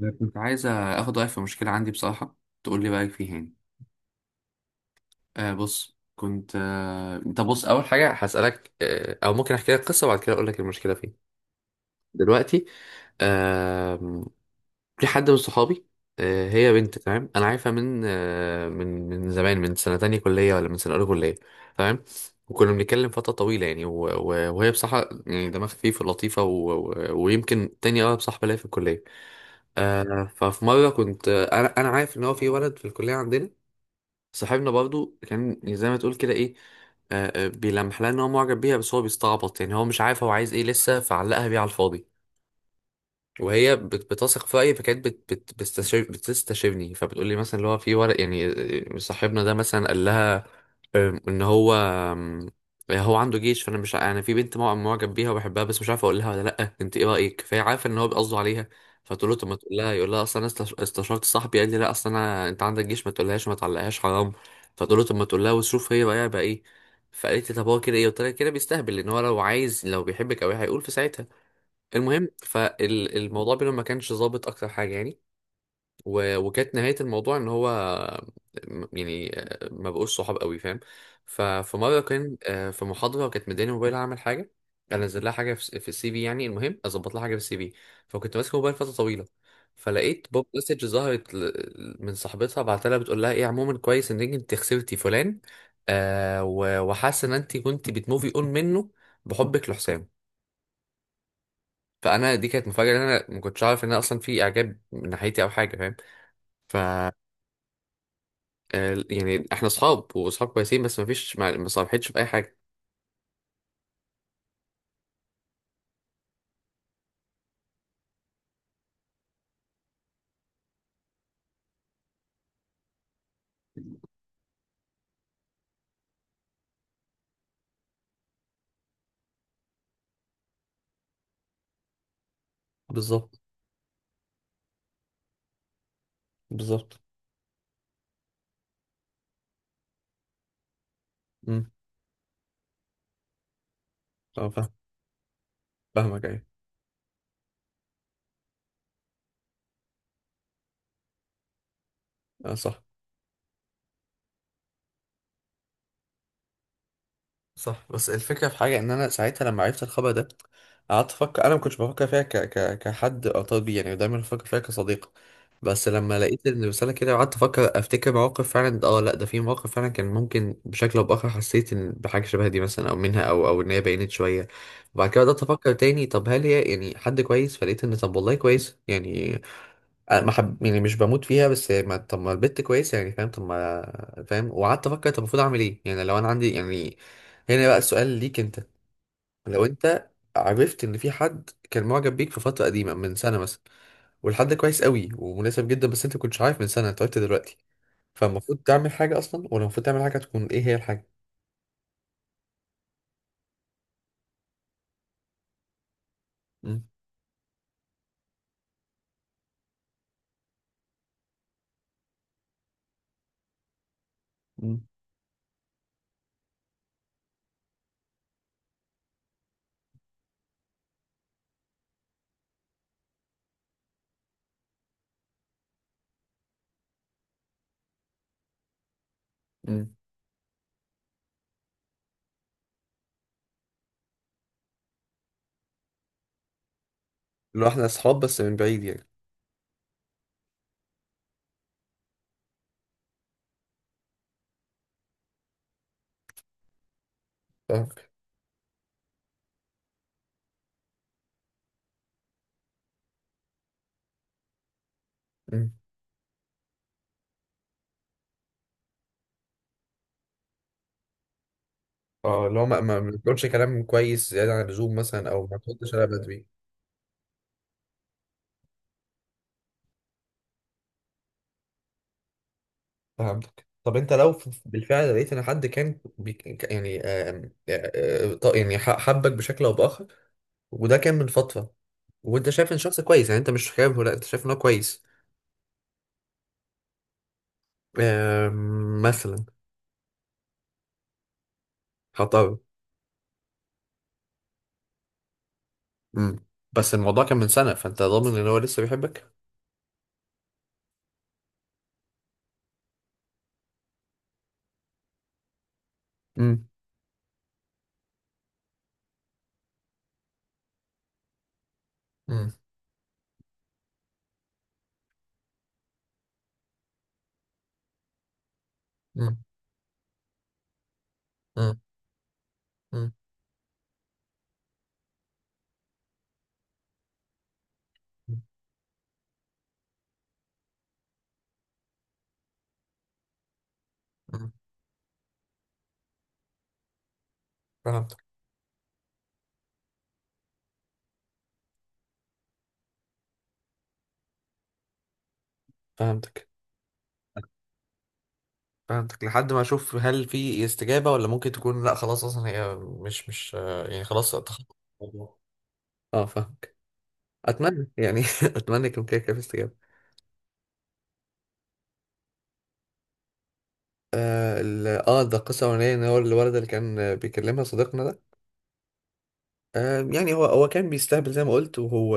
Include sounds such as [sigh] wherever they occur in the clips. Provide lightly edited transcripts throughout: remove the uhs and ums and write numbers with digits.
أنا كنت عايز اخد رايك في مشكله عندي بصراحه، تقول لي رايك فيها بص، كنت آه... طب بص، اول حاجه هسالك او ممكن احكي لك قصه وبعد كده اقول لك المشكله فين. دلوقتي آه... في حد من صحابي. هي بنت تمام، انا عارفها من من زمان، من سنه تانية كليه ولا من سنه اولى كليه. تمام. وكنا بنتكلم فتره طويله، وهي بصراحه دماغها خفيف ولطيفه، ويمكن تاني اقرب صاحبه ليا في الكليه. ففي مرة كنت أنا عارف إن هو في ولد في الكلية عندنا، صاحبنا برضو، كان زي ما تقول كده إيه، بيلمح لها إن هو معجب بيها، بس هو بيستعبط، هو مش عارف هو عايز إيه لسه، فعلقها بيه على الفاضي. وهي بتثق في رأيي، فكانت بت بت بتستشير بتستشيرني، فبتقول لي مثلا اللي هو في ورق صاحبنا ده مثلا قال لها ان هو هو عنده جيش، فانا مش ع- انا في بنت معجب بيها وبحبها بس مش عارف اقول لها ولا لا، انت ايه رايك؟ فهي عارفه ان هو بيقصده عليها. فتقول له، طب ما تقول لها. يقول لها، اصلا انا استشرت صاحبي قال لي لا، اصلا انا انت عندك جيش، ما تقولهاش، ما تعلقهاش، حرام. فتقول له، طب ما تقول لها وشوف هي بقى ايه. فقالت لي، طب هو كده ايه؟ قلت لها، كده بيستهبل، لان هو لو عايز، لو بيحبك او ايه هيقول في ساعتها. المهم، فالموضوع بينهم ما كانش ظابط اكتر حاجه وكانت نهايه الموضوع ان هو، ما بقوش صحاب قوي، فاهم. ففي مره كان في محاضره وكانت مداني موبايل اعمل حاجه، انزل لها حاجه في السي في، المهم اظبط لها حاجه في السي في. فكنت ماسك الموبايل فتره طويله، فلقيت بوب مسج ظهرت، من صاحبتها بعتها لها، بتقول لها ايه عموما، كويس ان انت خسرتي فلان. وحاسه ان انت كنت بتموفي اون منه. بحبك لحسام. فانا دي كانت مفاجاه، ان انا ما كنتش اعرف ان انا اصلا في اعجاب من ناحيتي او حاجه، فاهم. ف آه، يعني احنا اصحاب واصحاب كويسين، بس ما فيش، ما صالحتش في اي حاجه. بالظبط. بالظبط. امم. اه فاهم. فاهمك، ايوه. اه صح. صح. بس الفكرة في حاجة ان انا ساعتها لما عرفت الخبر ده، قعدت افكر، انا ما كنتش بفكر فيها كحد ارتبط بيه، يعني دايما بفكر فيها كصديق. بس لما لقيت ان الرسالة كده، قعدت افكر، افتكر مواقف، فعلا اه لا، ده في مواقف فعلا كان ممكن بشكل او باخر حسيت ان بحاجة شبه دي مثلا، او منها، او ان هي بينت شوية. وبعد كده بدأت افكر تاني، طب هل هي يعني حد كويس؟ فلقيت ان طب والله كويس يعني، أنا ما حب يعني مش بموت فيها، بس ما طب ما البت كويسه يعني، فاهم. طب ما فاهم، وقعدت افكر طب المفروض اعمل ايه، يعني لو انا عندي يعني. هنا بقى السؤال ليك انت. لو انت عرفت ان في حد كان معجب بيك في فتره قديمه، من سنه مثلا، والحد ده كويس قوي ومناسب جدا، بس انت ما كنتش عارف من سنه، انت عرفت دلوقتي، فالمفروض تعمل حاجه اصلا، ولا المفروض تعمل حاجه تكون ايه هي الحاجه؟ مم. مم. مم. لو احنا اصحاب بس من بعيد يعني؟ فاهم. مم. اه، اللي هو ما بنقولش كلام كويس زياده عن اللزوم مثلا، او ما تردش عليا بدري. فهمتك. طب انت لو بالفعل لقيت ان حد كان بيك يعني، آم، آه، آه، ط- يعني ح- حبك بشكل او باخر، وده كان من فتره، وانت شايف ان شخص كويس يعني، انت مش شايفه لا، انت شايف ان هو كويس. مثلا. خطأ. امم. بس الموضوع كان من سنه، فانت ضامن ان هو لسه بيحبك؟ امم. امم. امم. امم. امم. امم. فهمتك. فهمتك. فهمتك، لحد ما اشوف هل في استجابه، ولا ممكن تكون لا خلاص، اصلا هي مش خلاص، اتخطى الموضوع. اه فاهمك. اتمنى يعني [laughs] اتمنى يكون كده كده في استجابه. اه ده قصه اولانيه، ان هو الولد اللي كان بيكلمها صديقنا ده، يعني هو كان بيستهبل زي ما قلت، وهو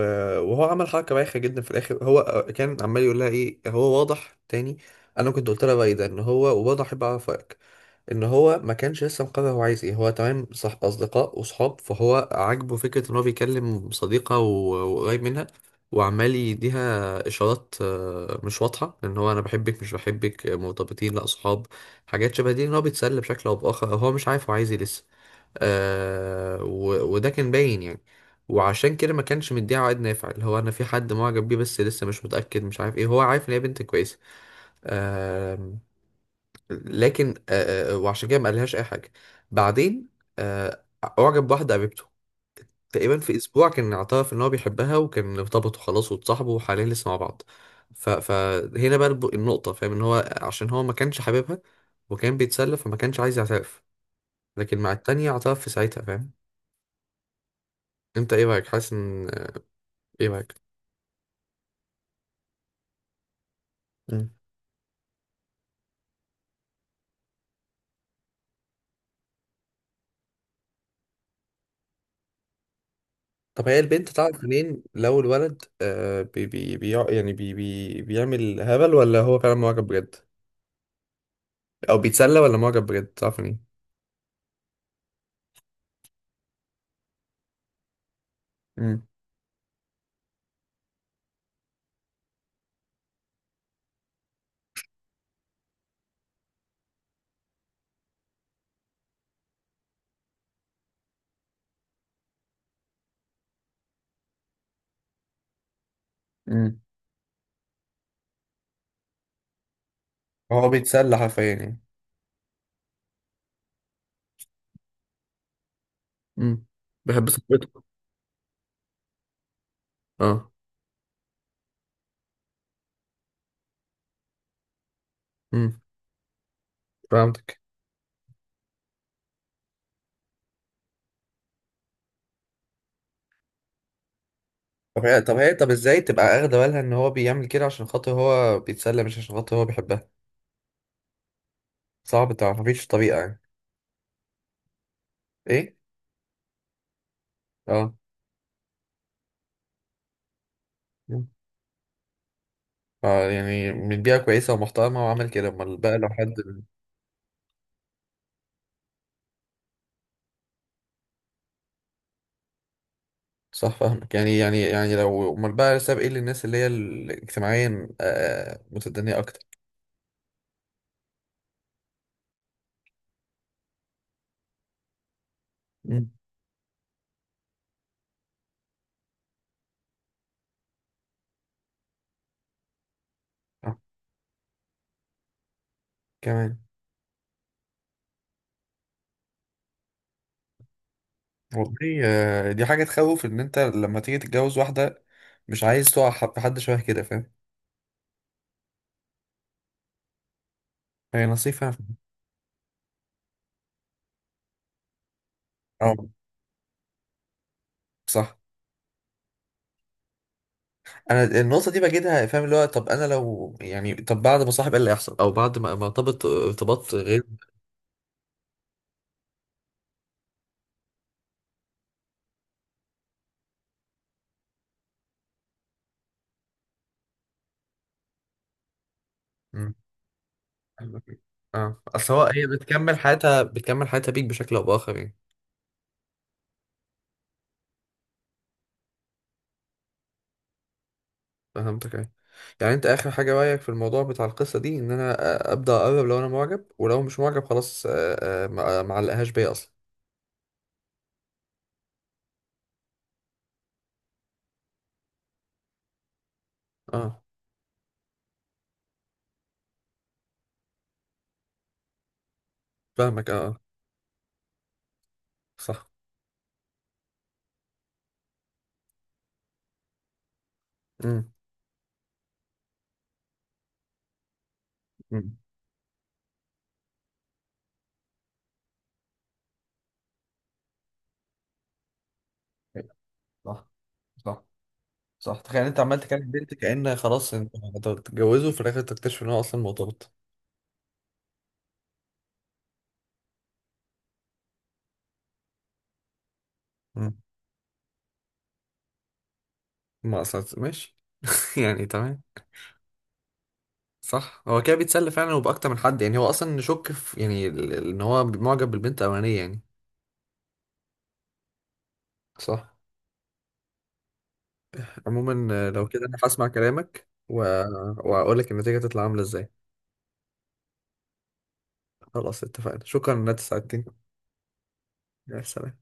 وهو عمل حركه بايخه جدا في الاخر. هو كان عمال يقول لها ايه، هو واضح تاني، انا كنت قلت لها بقى إيه ده، ان هو واضح، احب اعرف رايك. ان هو ما كانش لسه مقرر هو عايز ايه، هو تمام صح اصدقاء وصحاب، فهو عاجبه فكره ان هو بيكلم صديقه وقريب منها، وعمال يديها اشارات مش واضحه، ان هو انا بحبك مش بحبك، مرتبطين لا اصحاب، حاجات شبه دي، ان هو بيتسلى بشكل او باخر، هو مش عارف هو عايز ايه لسه. وده كان باين يعني. وعشان كده ما كانش مديها عائد نافع، اللي هو انا في حد معجب بيه بس لسه مش متاكد، مش عارف ايه، هو عارف ان هي بنت كويسه، لكن وعشان كده ما قالهاش اي حاجه. بعدين آه، اعجب بواحده قريبته، تقريبا في اسبوع كان اعترف ان هو بيحبها، وكان ارتبطوا خلاص، واتصاحبوا، وحاليا لسه مع بعض. فهنا بقى النقطه، فاهم، ان هو عشان هو ما كانش حاببها، وكان بيتسلى، فما كانش عايز يعترف، لكن مع التانية اعترف في ساعتها، فاهم. انت ايه رايك؟ حاسس ان، ايه رايك؟ مم. طب هي البنت تعرف منين لو الولد آه بي بي بي يعني بي بي بيعمل هبل، ولا هو فعلا معجب بجد، او بيتسلى ولا معجب بجد، تعرف مين؟ امم. امم. هو بيتسلى حرفيا يعني. امم. بحب صاحبته. اه. امم. فهمتك. طب هي طب ازاي تبقى اخده بالها ان هو بيعمل كده عشان خاطر هو بيتسلى، مش عشان خاطر هو بيحبها؟ صعب تعرف، مفيش طريقة يعني؟ ايه. اه. مم. اه، يعني من بيئة كويسة ومحترمة وعمل كده، امال بقى لو حد. صح. فاهمك. يعني لو امال بقى ساب ايه للناس اللي هي اجتماعيا متدنية اكتر. امم. اه كمان. والله دي حاجة تخوف إن أنت لما تيجي تتجوز واحدة مش عايز تقع في حد شبه كده، فاهم. هي نصيفة. اه صح. أنا النقطة دي بجدها، فاهم، اللي هو طب أنا لو يعني، طب بعد ما صاحب إيه اللي هيحصل، أو بعد ما ارتبط ارتباط غير. مم. اه، أصل هو، هي بتكمل حياتها، بتكمل حياتها بيك بشكل أو بآخر يعني. فهمتك أيوة. يعني أنت آخر حاجة، رأيك في الموضوع بتاع القصة دي إن أنا أبدأ أقرب، لو أنا معجب، ولو مش معجب خلاص ما علقهاش بيا أصلا. اه فاهمك. اه صح. امم. امم. صح. صح. صح. تخيل انت عمال تكلم بنت كأن خلاص انت هتتجوزه، وفي الاخر تكتشف ان هو اصلا مرتبط. امم. ما اصلا ماشي [laughs] يعني تمام. صح، هو كده بيتسلى فعلا وبأكتر من حد يعني، هو اصلا نشك في يعني ان هو معجب بالبنت الاولانيه يعني. صح. عموما لو كده انا هسمع كلامك واقول لك النتيجه تطلع عامله ازاي. خلاص اتفقنا، شكرا ان انت ساعدتني. يا سلام.